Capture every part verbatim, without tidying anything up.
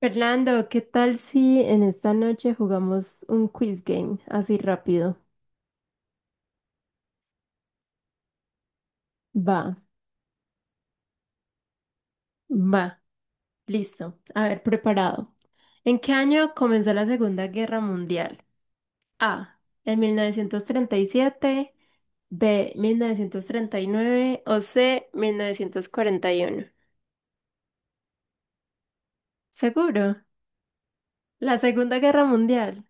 Fernando, ¿qué tal si en esta noche jugamos un quiz game así rápido? Va, va, listo. A ver, preparado. ¿En qué año comenzó la Segunda Guerra Mundial? A, en mil novecientos treinta y siete. B, mil novecientos treinta y nueve. O C, mil novecientos cuarenta y uno. ¿Seguro? La Segunda Guerra Mundial.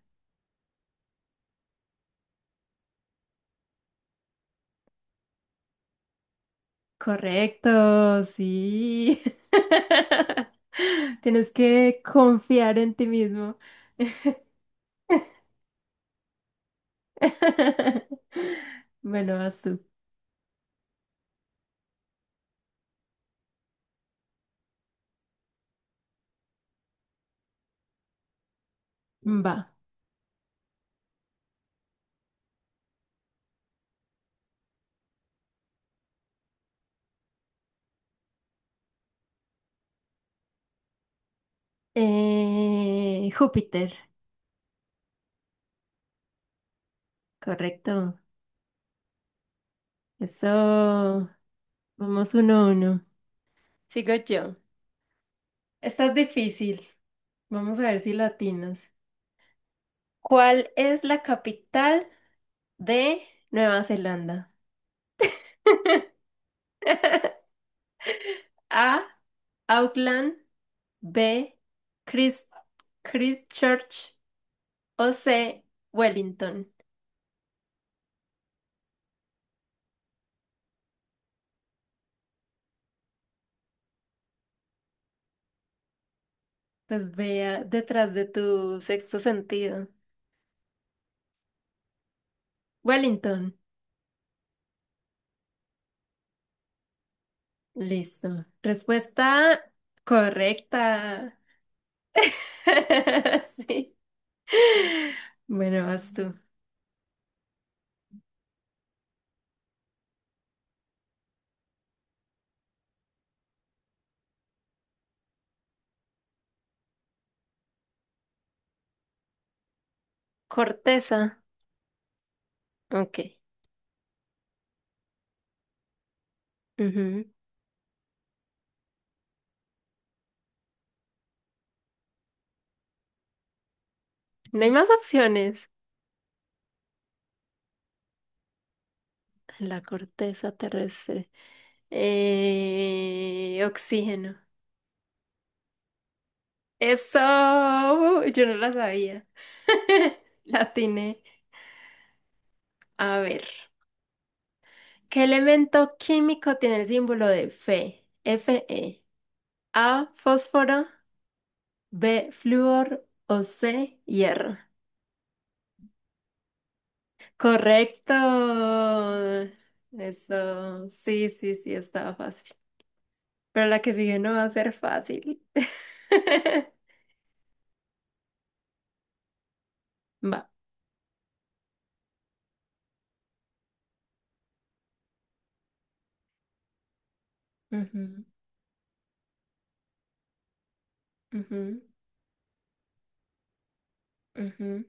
Correcto, sí. Tienes que confiar en ti mismo. Bueno, vas tú. Va. Eh, Júpiter, correcto. Eso, vamos uno a uno. Sigo yo. Esta es difícil. Vamos a ver si latinas. ¿Cuál es la capital de Nueva Zelanda? A. Auckland. B. Chris- Christchurch. O C. Wellington. Pues vea detrás de tu sexto sentido. Wellington. Listo. Respuesta correcta. Sí. Bueno, vas tú. Corteza. Ok. Ujú. No hay más opciones. La corteza terrestre. Eh, oxígeno. Eso. uh, yo no la sabía. La tiene. A ver. ¿Qué elemento químico tiene el símbolo de Fe? Fe. A, fósforo. B, flúor o C, hierro. Correcto. Eso, sí, sí, sí, estaba fácil. Pero la que sigue no va a ser fácil. Va. Ujú, ujú, ujú.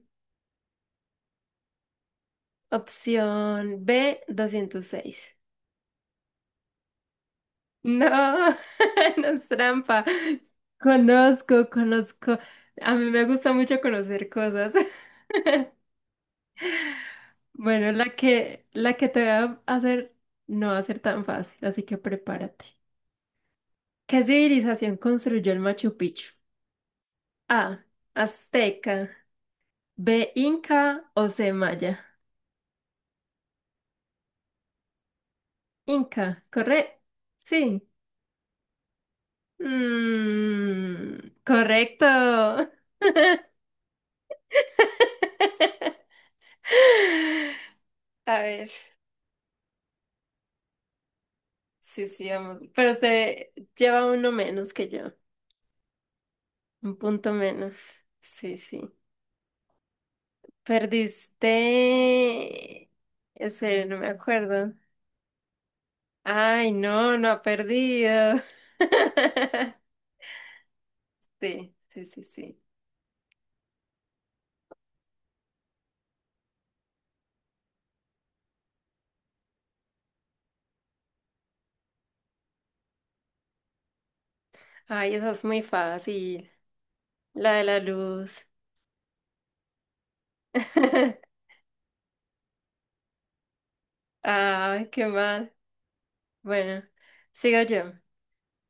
Opción B, doscientos seis. No, no es trampa. Conozco, conozco. A mí me gusta mucho conocer cosas. Bueno, la que, la que te voy a hacer no va a ser tan fácil, así que prepárate. ¿Qué civilización construyó el Machu Picchu? A. Azteca. B. Inca o C. Maya. Inca, ¿correcto? Sí. Mm, correcto. A ver, sí, sí, vamos. Pero usted lleva uno menos que yo, un punto menos. Sí, sí. Perdiste. Espera, no me acuerdo. Ay, no, no ha perdido. Sí, sí, sí, sí. Ay, esa es muy fácil. La de la luz. Ay, qué mal. Bueno, sigo yo.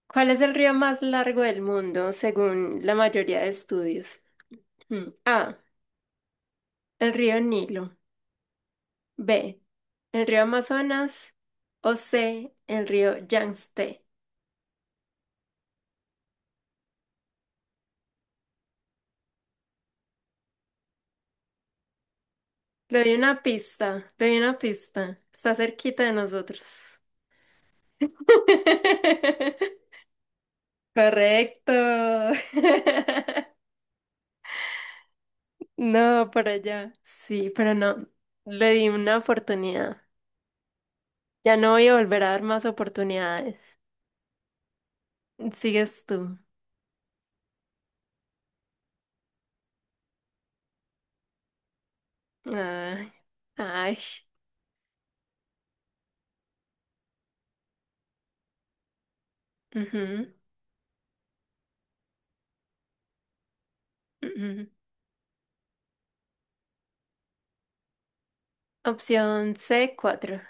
¿Cuál es el río más largo del mundo según la mayoría de estudios? Mm, A. El río Nilo. B. El río Amazonas. O C. El río Yangtze. Le doy una pista, le doy una pista. Está cerquita de nosotros. Correcto. No, por allá. Sí, pero no. Le di una oportunidad. Ya no voy a volver a dar más oportunidades. Sigues tú. Ay, ay. Ujú, ujú. Opción C cuatro.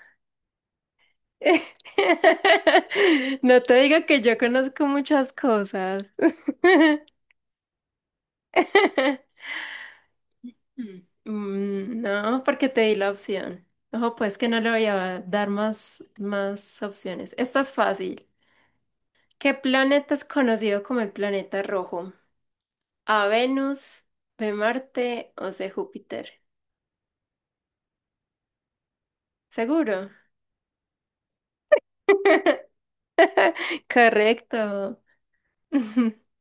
No te digo que yo conozco muchas cosas. Mm, mm, No, porque te di la opción. Ojo, pues que no le voy a dar más, más opciones. Esta es fácil. ¿Qué planeta es conocido como el planeta rojo? ¿A Venus, B Marte o C Júpiter? ¿Seguro? Correcto.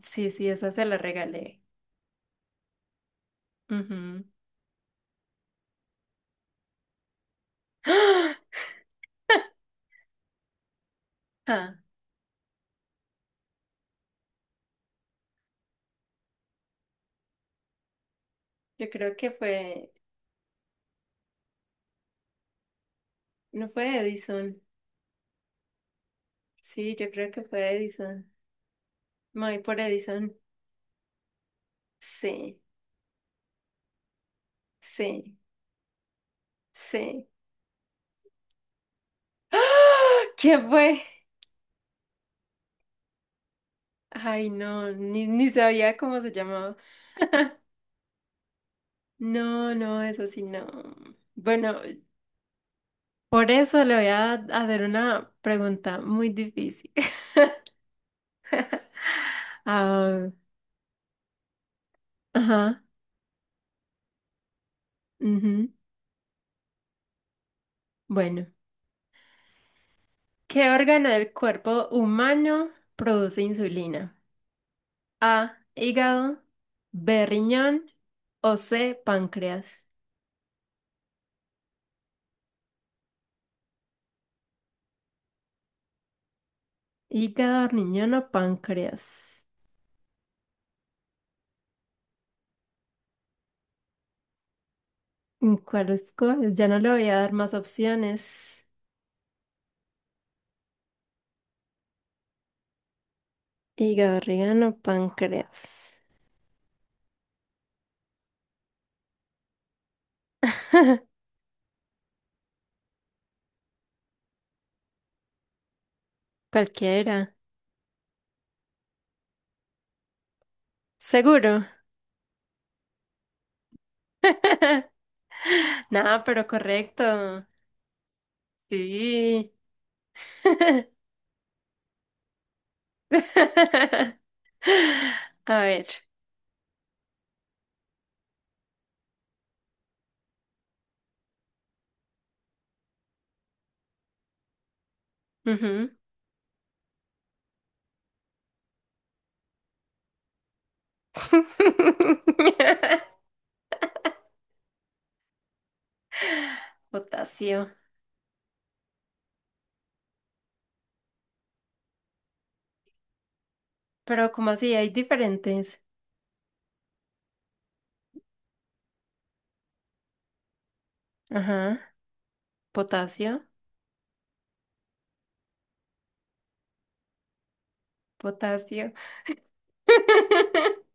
Sí, sí, esa se la regalé. Ujú. Ah, Ah, yo creo que fue, no fue Edison. Sí, yo creo que fue Edison. Me voy por Edison. Sí, sí, sí. ¿Qué fue? Ay, no, ni, ni sabía cómo se llamaba. No, no, eso sí, no. Bueno, por eso le voy a hacer una pregunta muy difícil. Ah, ajá, ujú. Bueno, ¿qué órgano del cuerpo humano produce insulina? A, hígado, B, riñón o C, páncreas. Hígado, riñón o páncreas. Mm, ¿Cuál escoges? Ya no le voy a dar más opciones. Hígado, riñón o páncreas. Cualquiera. ¿Seguro? No, pero correcto. Sí. A ver. Ujú. Potasio. ¿Pero como así? Hay diferentes. Ajá. Potasio. Potasio.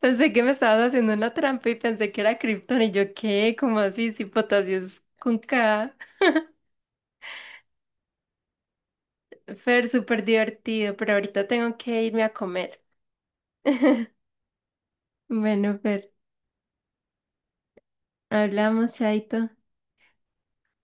Pensé que me estabas haciendo una trampa y pensé que era Krypton y yo qué, como así, si potasio es con K. Fer, súper divertido, pero ahorita tengo que irme a comer. Bueno, Fer, hablamos, Chaito.